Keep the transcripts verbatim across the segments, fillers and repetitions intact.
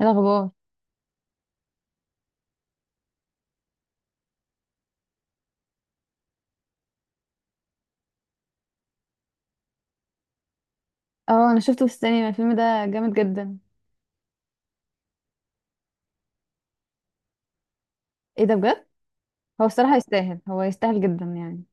ايه الاخبار؟ اه، انا شفته في السينما، الفيلم ده جامد جدا. ايه ده بجد؟ هو الصراحه يستاهل، هو يستاهل جدا يعني.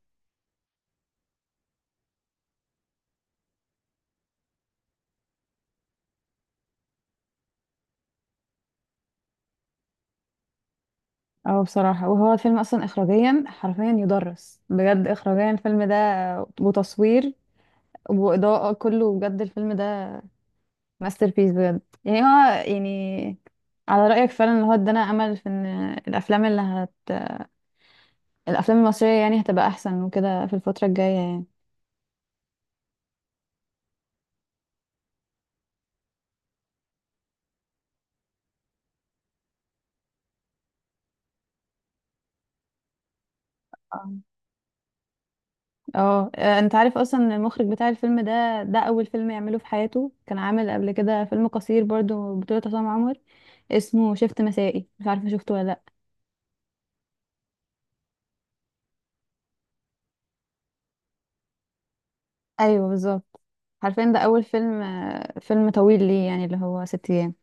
اه بصراحه، وهو الفيلم اصلا اخراجيا حرفيا يدرس بجد اخراجيا الفيلم ده، وتصوير واضاءه، كله بجد الفيلم ده ماستر بيس بجد يعني هو يعني. على رايك فعلا ان هو ادانا امل في ان الافلام اللي هت الافلام المصريه يعني هتبقى احسن وكده في الفتره الجايه. يعني اه، آه، انت عارف اصلا إن المخرج بتاع الفيلم ده ده اول فيلم يعمله في حياته، كان عامل قبل كده فيلم قصير برضو بطولة عصام عمر، اسمه شفت مسائي، مش عارفه شفته ولا لا. ايوه بالظبط. عارفين ده اول فيلم، آه، فيلم طويل ليه يعني اللي هو ست ايام.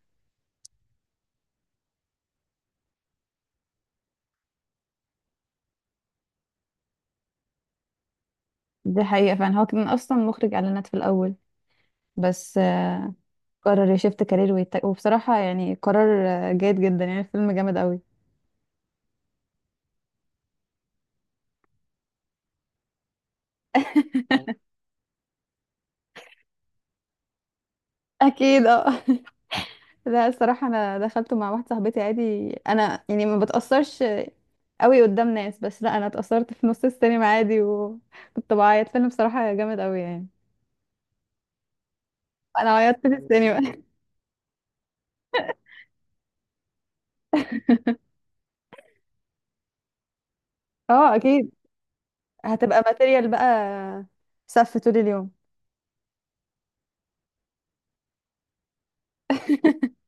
دي حقيقة فعلا، هو كان اصلا مخرج اعلانات في الاول، بس آه، قرر يشفت كارير ويتك... وبصراحة يعني قرار آه، جيد جدا يعني، الفيلم جامد قوي. اكيد اه. لا الصراحة انا دخلته مع واحدة صاحبتي عادي، انا يعني ما بتأثرش قوي قدام ناس، بس لا، انا اتأثرت في نص السينما عادي وكنت بعيط، فيلم بصراحة جامد قوي يعني. انا عيطت في السينما. اه اكيد. هتبقى ماتيريال بقى، سف طول اليوم.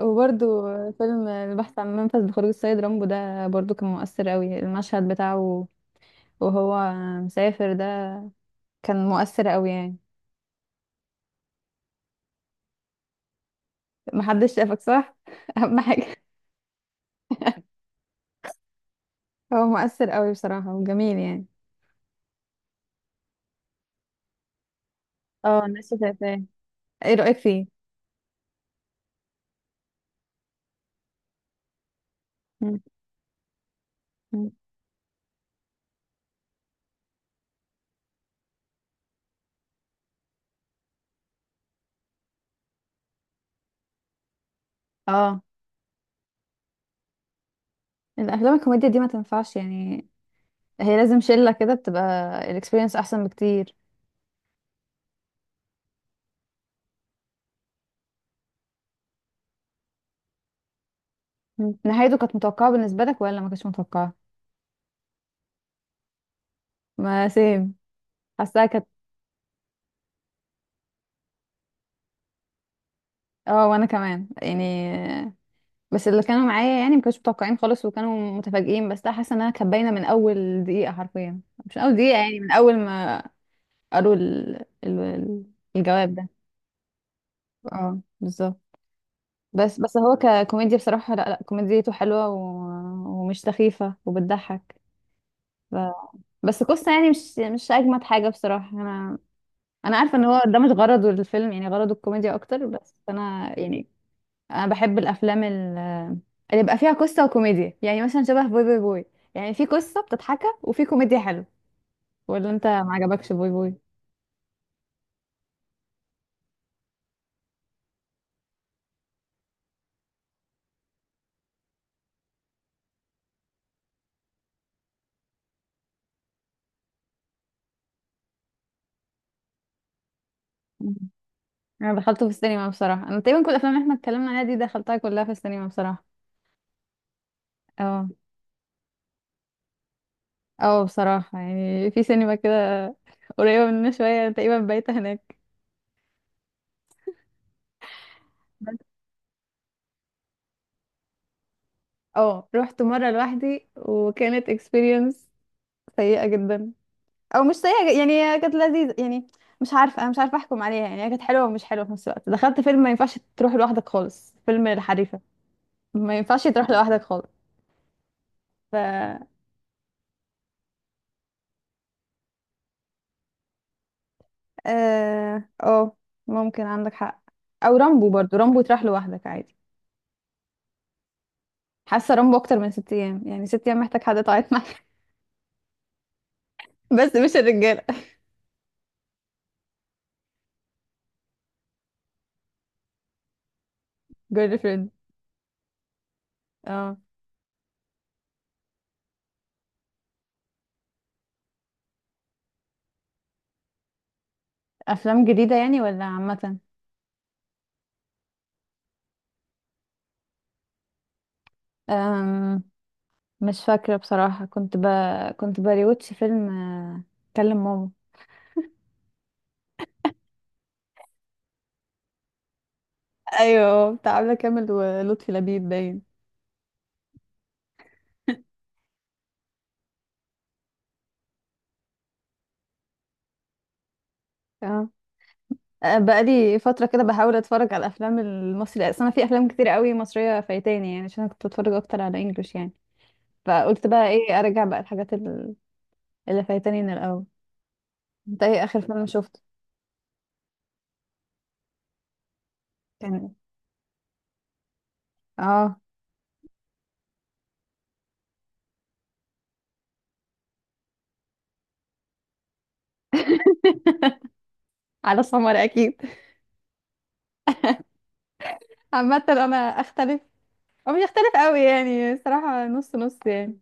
وبرضو فيلم البحث عن منفذ لخروج السيد رامبو ده برضو كان مؤثر قوي، المشهد بتاعه وهو مسافر ده كان مؤثر قوي يعني. محدش شافك صح؟ اهم حاجة. هو مؤثر قوي بصراحة وجميل يعني. اه الناس شايفاه، ايه رأيك فيه؟ مم. مم. اه، الافلام الكوميديا دي ما تنفعش يعني، هي لازم شله كده بتبقى، الاكسبيرينس احسن بكتير. مم. نهايته كانت متوقعه بالنسبه لك ولا ما كانتش متوقعه؟ ما سيم، حاساها كانت. اه وانا كمان يعني، بس اللي كانوا معايا يعني ما كانوش متوقعين خالص وكانوا متفاجئين، بس لا، حاسه انها كانت باينه من اول دقيقه حرفيا. مش من اول دقيقه، يعني من اول ما قالوا ال... ال... ال- الجواب ده. اه بالظبط. بس بس هو ككوميديا بصراحه، لا لا، كوميديته حلوه و... ومش سخيفه وبتضحك. بس قصة يعني مش مش اجمد حاجة بصراحة، انا انا عارفة ان هو ده مش غرضه الفيلم، يعني غرضه الكوميديا اكتر، بس انا يعني انا بحب الافلام ال- اللي بيبقى فيها قصة وكوميديا، يعني مثلا شبه بوي بوي بوي، يعني في قصة بتضحكها وفي كوميديا حلوة. ولا انت ما عجبكش بوي بوي؟ مم. انا دخلته في السينما بصراحة، انا تقريبا كل الافلام اللي احنا اتكلمنا عليها دي دخلتها كلها في السينما بصراحة. اه. اه بصراحة، يعني في سينما كده قريبة مننا شوية، أنا تقريبا بايتة هناك. اه رحت مرة لوحدي، وكانت experience سيئة جدا. او مش سيئة ج- يعني هي كانت لذيذة يعني. مش عارفة، انا مش عارفة احكم عليها، يعني هي كانت حلوة ومش حلوة في نفس الوقت، دخلت فيلم ما ينفعش تروح لوحدك خالص، فيلم الحريفة. ما ينفعش تروح لوحدك خالص. ف اه، آه، ممكن عندك حق. او رامبو، برضو رامبو تروح لوحدك عادي. حاسة رامبو اكتر من ست ايام، يعني ست ايام محتاج حد تعيط معاه. بس مش الرجالة. جيرل فريند. اه. افلام جديدة يعني ولا عامة؟ أم... مش فاكرة بصراحة، كنت ب... كنت بريوتش فيلم آه، كلم ماما. ايوه بتاع عبلة كامل ولطفي لبيب باين. اه، آه، بقالي فترة كده بحاول اتفرج على الافلام المصري، اصل انا في افلام كتير قوي مصرية فايتاني، يعني عشان أنا كنت بتفرج اكتر على انجلش يعني. فقلت بقى ايه، ارجع بقى الحاجات ال- اللي فايتاني من الاول. انت ايه اخر فيلم شفته؟ كان إيه؟ اه. على سمر اكيد. عامة انا اختلف، او مش اختلف قوي يعني، صراحة نص نص يعني.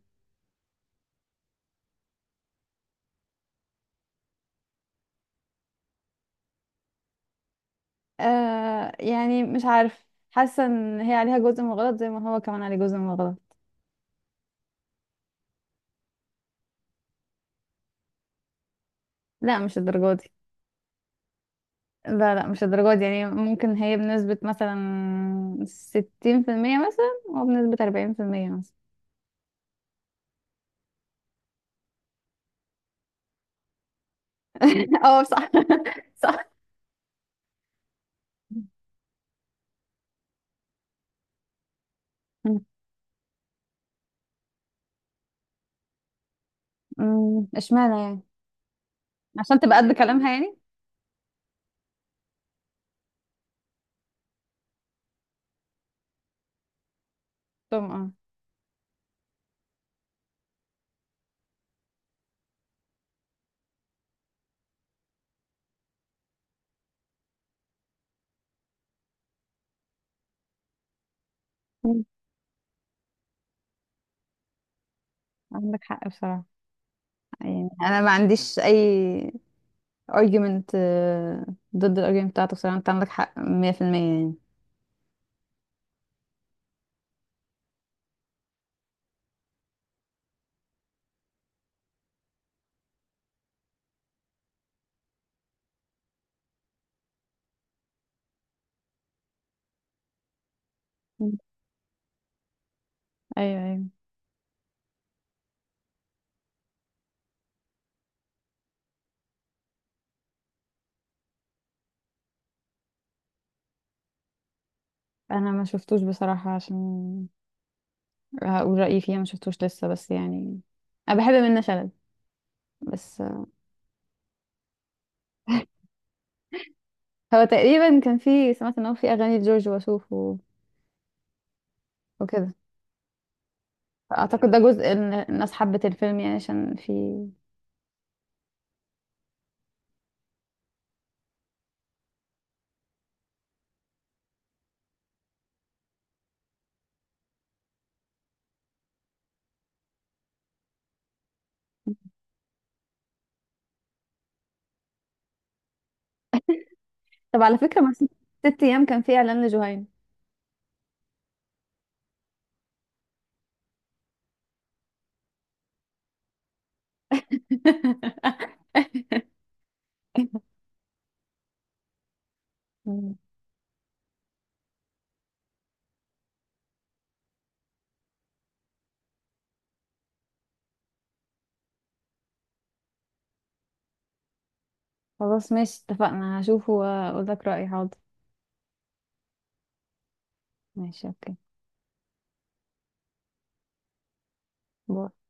آه يعني مش عارف، حاسة ان هي عليها جزء من الغلط زي ما هو كمان عليه جزء من الغلط. لا مش الدرجة دي. لا لا مش الدرجة دي، يعني ممكن هي بنسبة مثلا ستين في المية مثلا وبنسبة أربعين في المية مثلا. اه صح. صح. أمم، اشمعنى يعني؟ عشان تبقى قد كلامها يعني. طبعا. اه أمم، عندك حق بصراحة، يعني أنا ما عنديش أي argument، آه، ضد الargument بتاعتك، بصراحة أنت عندك حق مية في المية يعني. أمم. أيوه أيوه. انا ما شفتوش بصراحة، عشان هقول رأيي فيها ما شفتوش لسه، بس يعني انا بحب منة شلبي. بس. هو تقريبا كان في، سمعت ان هو في اغاني لجورج وسوف و... وكده. اعتقد ده جزء ان الناس حبت الفيلم يعني عشان في. طب على فكرة، من ست ست ايام كان في اعلان لجهينة. خلاص ماشي، اتفقنا، هشوفه واقول لك رأيي، حاضر. ماشي اوكي. باي.